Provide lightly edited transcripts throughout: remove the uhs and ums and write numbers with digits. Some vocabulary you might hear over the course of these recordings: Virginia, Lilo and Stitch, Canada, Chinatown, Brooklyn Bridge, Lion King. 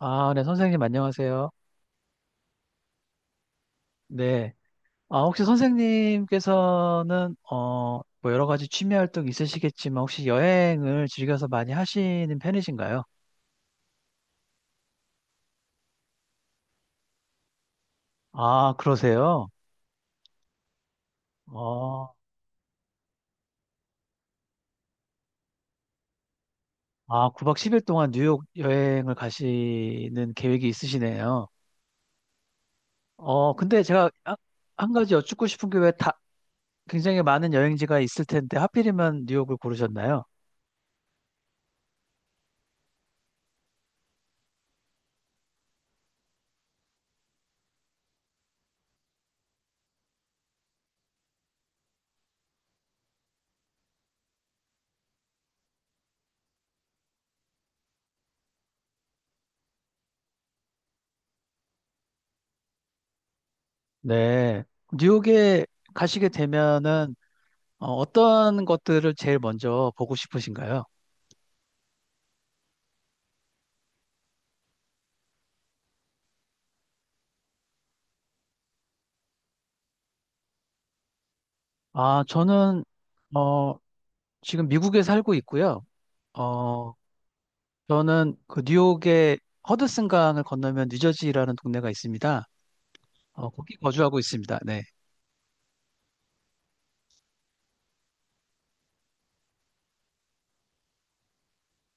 아, 네, 선생님, 안녕하세요. 네. 아, 혹시 선생님께서는, 뭐 여러 가지 취미 활동 있으시겠지만, 혹시 여행을 즐겨서 많이 하시는 편이신가요? 아, 그러세요? 어, 9박 10일 동안 뉴욕 여행을 가시는 계획이 있으시네요. 근데 제가 한 가지 여쭙고 싶은 게 왜 다, 굉장히 많은 여행지가 있을 텐데, 하필이면 뉴욕을 고르셨나요? 네. 뉴욕에 가시게 되면은, 어떤 것들을 제일 먼저 보고 싶으신가요? 아, 저는, 어, 지금 미국에 살고 있고요. 어, 저는 그 뉴욕의 허드슨강을 건너면 뉴저지라는 동네가 있습니다. 거기 거주하고 있습니다. 네.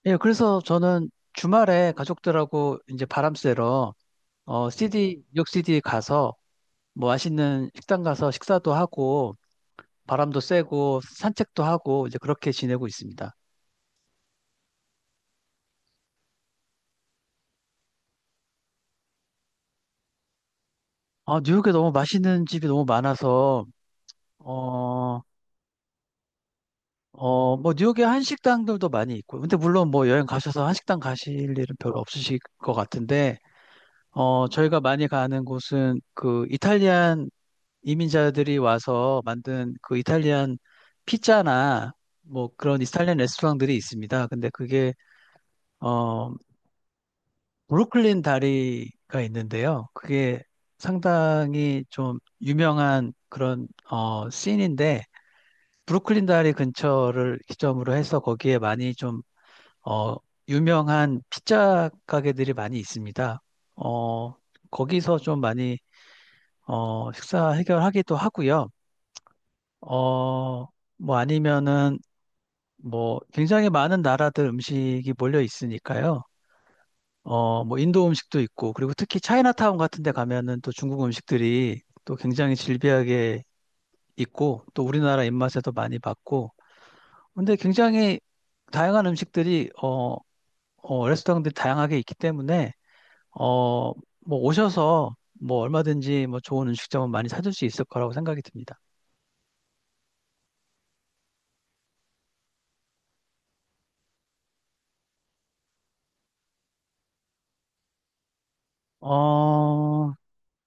예, 그래서 저는 주말에 가족들하고 이제 바람 쐬러, 시 d 뉴욕 시 d 가서 뭐 맛있는 식당 가서 식사도 하고 바람도 쐬고 산책도 하고 이제 그렇게 지내고 있습니다. 아, 뉴욕에 너무 맛있는 집이 너무 많아서 어, 뭐, 뉴욕에 한식당들도 많이 있고, 근데 물론 뭐 여행 가셔서 한식당 가실 일은 별로 없으실 것 같은데, 저희가 많이 가는 곳은 그 이탈리안 이민자들이 와서 만든 그 이탈리안 피자나 뭐 그런 이탈리안 레스토랑들이 있습니다. 근데 그게, 어, 브루클린 다리가 있는데요. 그게 상당히 좀 유명한 그런, 씬인데, 브루클린 다리 근처를 기점으로 해서 거기에 많이 좀, 어, 유명한 피자 가게들이 많이 있습니다. 어, 거기서 좀 많이, 식사 해결하기도 하고요. 어, 뭐 아니면은 뭐 굉장히 많은 나라들 음식이 몰려 있으니까요. 뭐 인도 음식도 있고, 그리고 특히 차이나타운 같은 데 가면은 또 중국 음식들이 또 굉장히 질비하게 있고, 또 우리나라 입맛에도 많이 맞고, 근데 굉장히 다양한 음식들이 레스토랑들이 다양하게 있기 때문에 어, 뭐 오셔서 뭐 얼마든지 뭐 좋은 음식점은 많이 찾을 수 있을 거라고 생각이 듭니다. 어,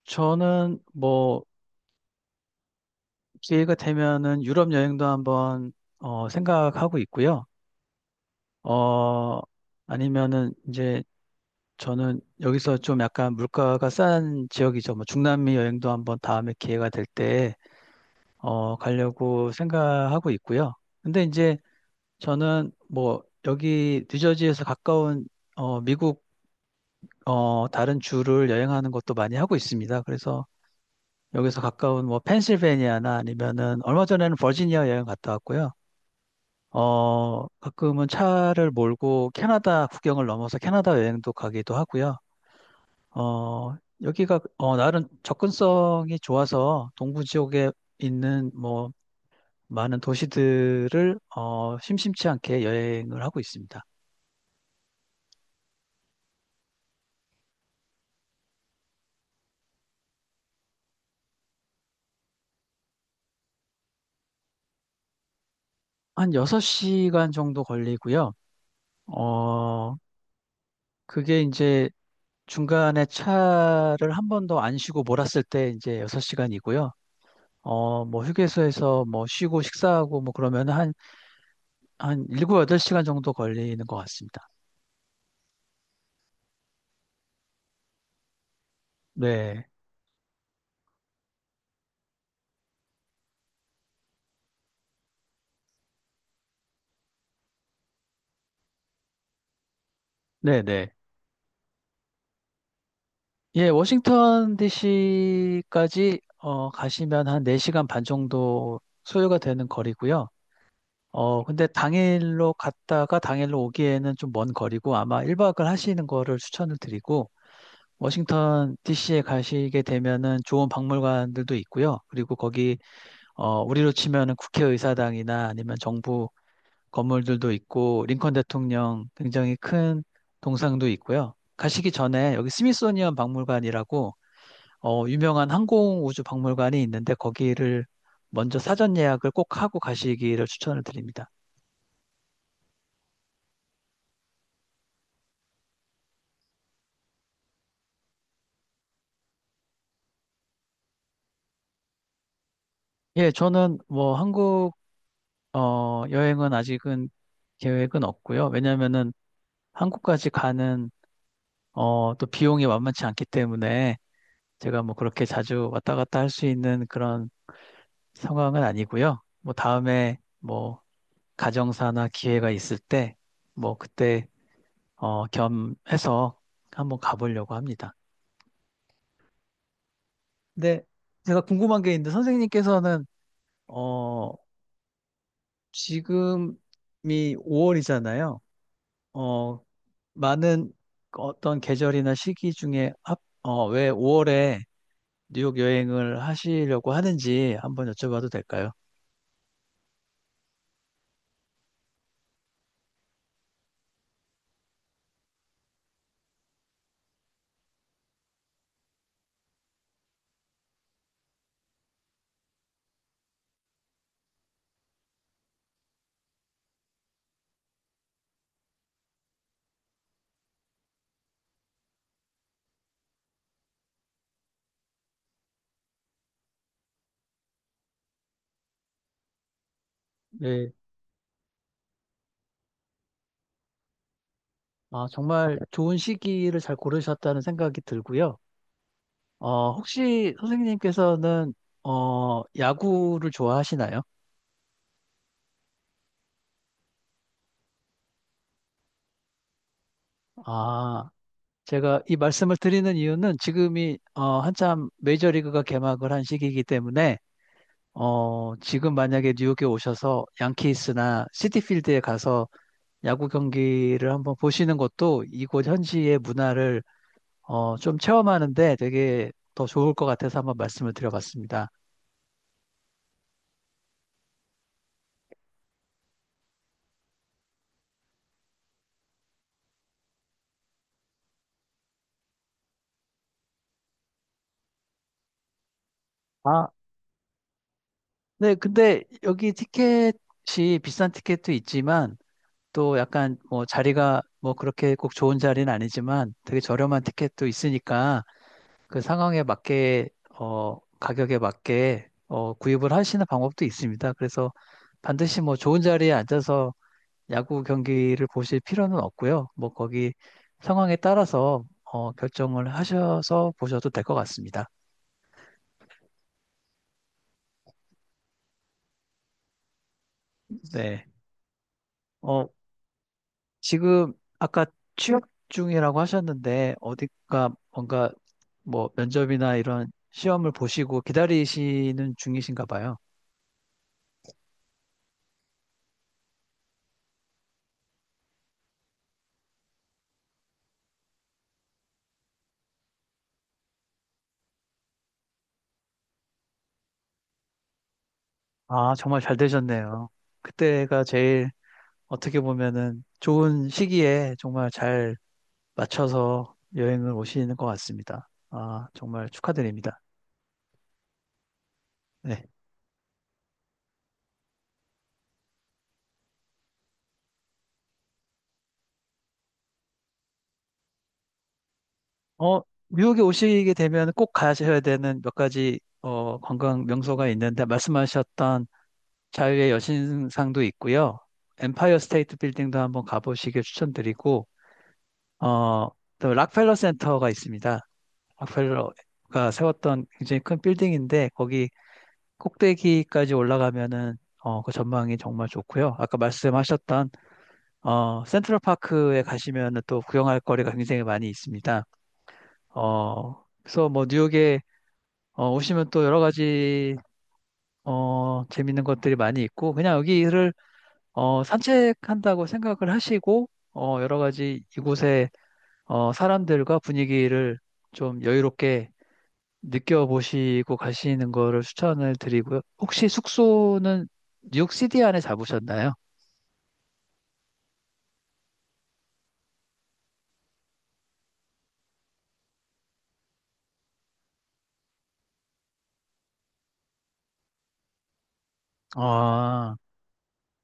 저는 뭐 기회가 되면은 유럽 여행도 한번 생각하고 있고요. 어, 아니면은 이제 저는 여기서 좀 약간 물가가 싼 지역이죠. 뭐 중남미 여행도 한번 다음에 기회가 될때 가려고 생각하고 있고요. 근데 이제 저는 뭐 여기 뉴저지에서 가까운 미국 다른 주를 여행하는 것도 많이 하고 있습니다. 그래서 여기서 가까운 뭐 펜실베니아나 아니면은 얼마 전에는 버지니아 여행 갔다 왔고요. 가끔은 차를 몰고 캐나다 국경을 넘어서 캐나다 여행도 가기도 하고요. 어, 여기가 나름 접근성이 좋아서 동부 지역에 있는 뭐 많은 도시들을 심심치 않게 여행을 하고 있습니다. 한 6시간 정도 걸리고요. 어, 그게 이제 중간에 차를 한 번도 안 쉬고 몰았을 때 이제 6시간이고요. 뭐 휴게소에서 뭐 쉬고 식사하고 뭐 그러면 한, 한 7, 8시간 정도 걸리는 것 같습니다. 네. 네네. 예, 워싱턴 DC까지 가시면 한 4시간 반 정도 소요가 되는 거리고요. 근데 당일로 갔다가 당일로 오기에는 좀 먼 거리고 아마 1박을 하시는 거를 추천을 드리고 워싱턴 DC에 가시게 되면은 좋은 박물관들도 있고요. 그리고 거기 우리로 치면은 국회의사당이나 아니면 정부 건물들도 있고 링컨 대통령 굉장히 큰 동상도 있고요. 가시기 전에 여기 스미소니언 박물관이라고 유명한 항공우주 박물관이 있는데 거기를 먼저 사전 예약을 꼭 하고 가시기를 추천을 드립니다. 예, 저는 뭐 한국 여행은 아직은 계획은 없고요. 왜냐면은 한국까지 가는 또 비용이 만만치 않기 때문에 제가 뭐 그렇게 자주 왔다 갔다 할 수 있는 그런 상황은 아니고요. 뭐 다음에 뭐 가정사나 기회가 있을 때 뭐 그때 겸해서 한번 가보려고 합니다. 근데 제가 궁금한 게 있는데 선생님께서는 어 지금이 5월이잖아요. 많은 어떤 계절이나 시기 중에 왜 5월에 뉴욕 여행을 하시려고 하는지 한번 여쭤봐도 될까요? 네. 아, 정말 좋은 시기를 잘 고르셨다는 생각이 들고요. 혹시 선생님께서는 야구를 좋아하시나요? 아, 제가 이 말씀을 드리는 이유는 지금이 한참 메이저리그가 개막을 한 시기이기 때문에 지금 만약에 뉴욕에 오셔서 양키스나 시티필드에 가서 야구 경기를 한번 보시는 것도 이곳 현지의 문화를 좀 체험하는데 되게 더 좋을 것 같아서 한번 말씀을 드려봤습니다. 아, 네. 근데 여기 티켓이 비싼 티켓도 있지만 또 약간 뭐 자리가 뭐 그렇게 꼭 좋은 자리는 아니지만 되게 저렴한 티켓도 있으니까 그 상황에 맞게 가격에 맞게 구입을 하시는 방법도 있습니다. 그래서 반드시 뭐 좋은 자리에 앉아서 야구 경기를 보실 필요는 없고요. 뭐 거기 상황에 따라서 결정을 하셔서 보셔도 될 것 같습니다. 네. 어, 지금 아까 취업 중이라고 하셨는데 어디가 뭔가 뭐 면접이나 이런 시험을 보시고 기다리시는 중이신가 봐요. 아, 정말 잘 되셨네요. 그때가 제일 어떻게 보면은 좋은 시기에 정말 잘 맞춰서 여행을 오시는 것 같습니다. 아, 정말 축하드립니다. 네. 어, 뉴욕에 오시게 되면 꼭 가셔야 되는 몇 가지 관광 명소가 있는데 말씀하셨던 자유의 여신상도 있고요. 엠파이어 스테이트 빌딩도 한번 가보시길 추천드리고 어, 또 락펠러 센터가 있습니다. 락펠러가 세웠던 굉장히 큰 빌딩인데 거기 꼭대기까지 올라가면은 그 전망이 정말 좋고요. 아까 말씀하셨던 센트럴 파크에 가시면은 또 구경할 거리가 굉장히 많이 있습니다. 그래서 뭐 뉴욕에 오시면 또 여러 가지 재밌는 것들이 많이 있고 그냥 여기를 산책한다고 생각을 하시고 여러 가지 이곳의 사람들과 분위기를 좀 여유롭게 느껴보시고 가시는 거를 추천을 드리고요. 혹시 숙소는 뉴욕 시티 안에 잡으셨나요? 아,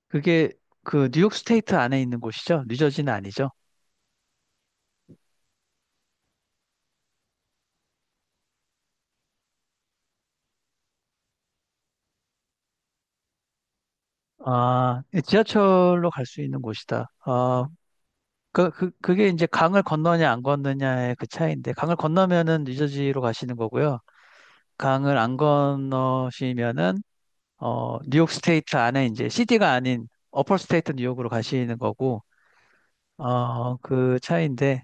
그게 그 뉴욕 스테이트 안에 있는 곳이죠? 뉴저지는 아니죠? 아, 예, 지하철로 갈 수 있는 곳이다. 아, 그게 이제 강을 건너냐 안 건너냐의 그 차이인데, 강을 건너면은 뉴저지로 가시는 거고요. 강을 안 건너시면은, 뉴욕 스테이트 안에 이제 시티가 아닌 어퍼 스테이트 뉴욕으로 가시는 거고, 그 차이인데,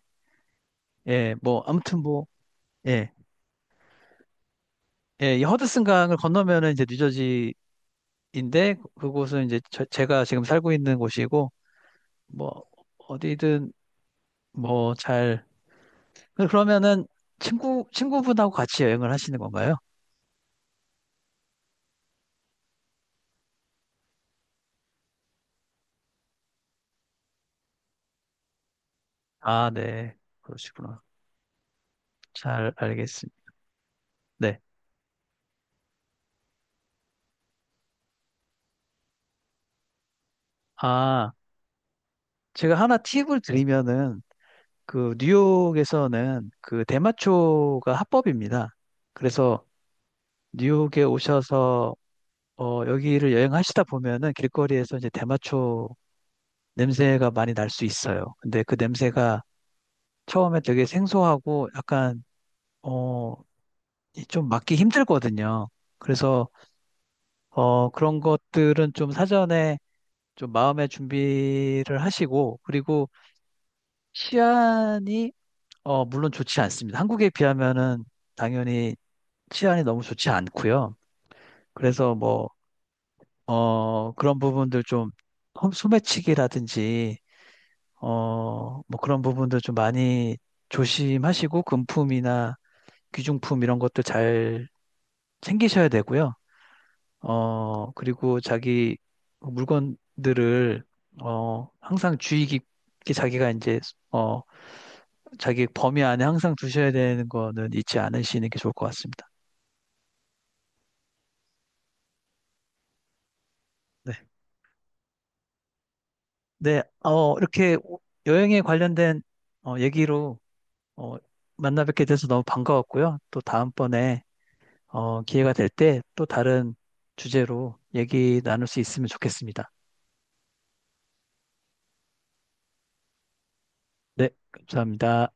예, 뭐, 아무튼 뭐, 예, 예, 이 허드슨 강을 건너면은 이제 뉴저지인데, 그곳은 이제 제가 지금 살고 있는 곳이고, 뭐, 어디든 뭐 잘, 그러면은 친구분하고 같이 여행을 하시는 건가요? 아, 네. 그러시구나. 잘 알겠습니다. 네. 아, 제가 하나 팁을 드리면은, 그, 뉴욕에서는 그 대마초가 합법입니다. 그래서 뉴욕에 오셔서, 여기를 여행하시다 보면은 길거리에서 이제 대마초 냄새가 많이 날 수 있어요. 근데 그 냄새가 처음에 되게 생소하고 약간, 어, 이좀 맡기 힘들거든요. 그래서, 그런 것들은 좀 사전에 좀 마음의 준비를 하시고 그리고 치안이 물론 좋지 않습니다. 한국에 비하면은 당연히 치안이 너무 좋지 않고요. 그래서 뭐 그런 부분들 좀 소매치기라든지 어 뭐 그런 부분들 좀 많이 조심하시고 금품이나 귀중품 이런 것들 잘 챙기셔야 되고요. 그리고 자기 물건들을 항상 주의 깊게 자기가 이제 어 자기 범위 안에 항상 두셔야 되는 거는 잊지 않으시는 게 좋을 것 같습니다. 네. 네, 이렇게 여행에 관련된 얘기로 어, 만나 뵙게 돼서 너무 반가웠고요. 또 다음번에 기회가 될 때 또 다른 주제로 얘기 나눌 수 있으면 좋겠습니다. 네, 감사합니다.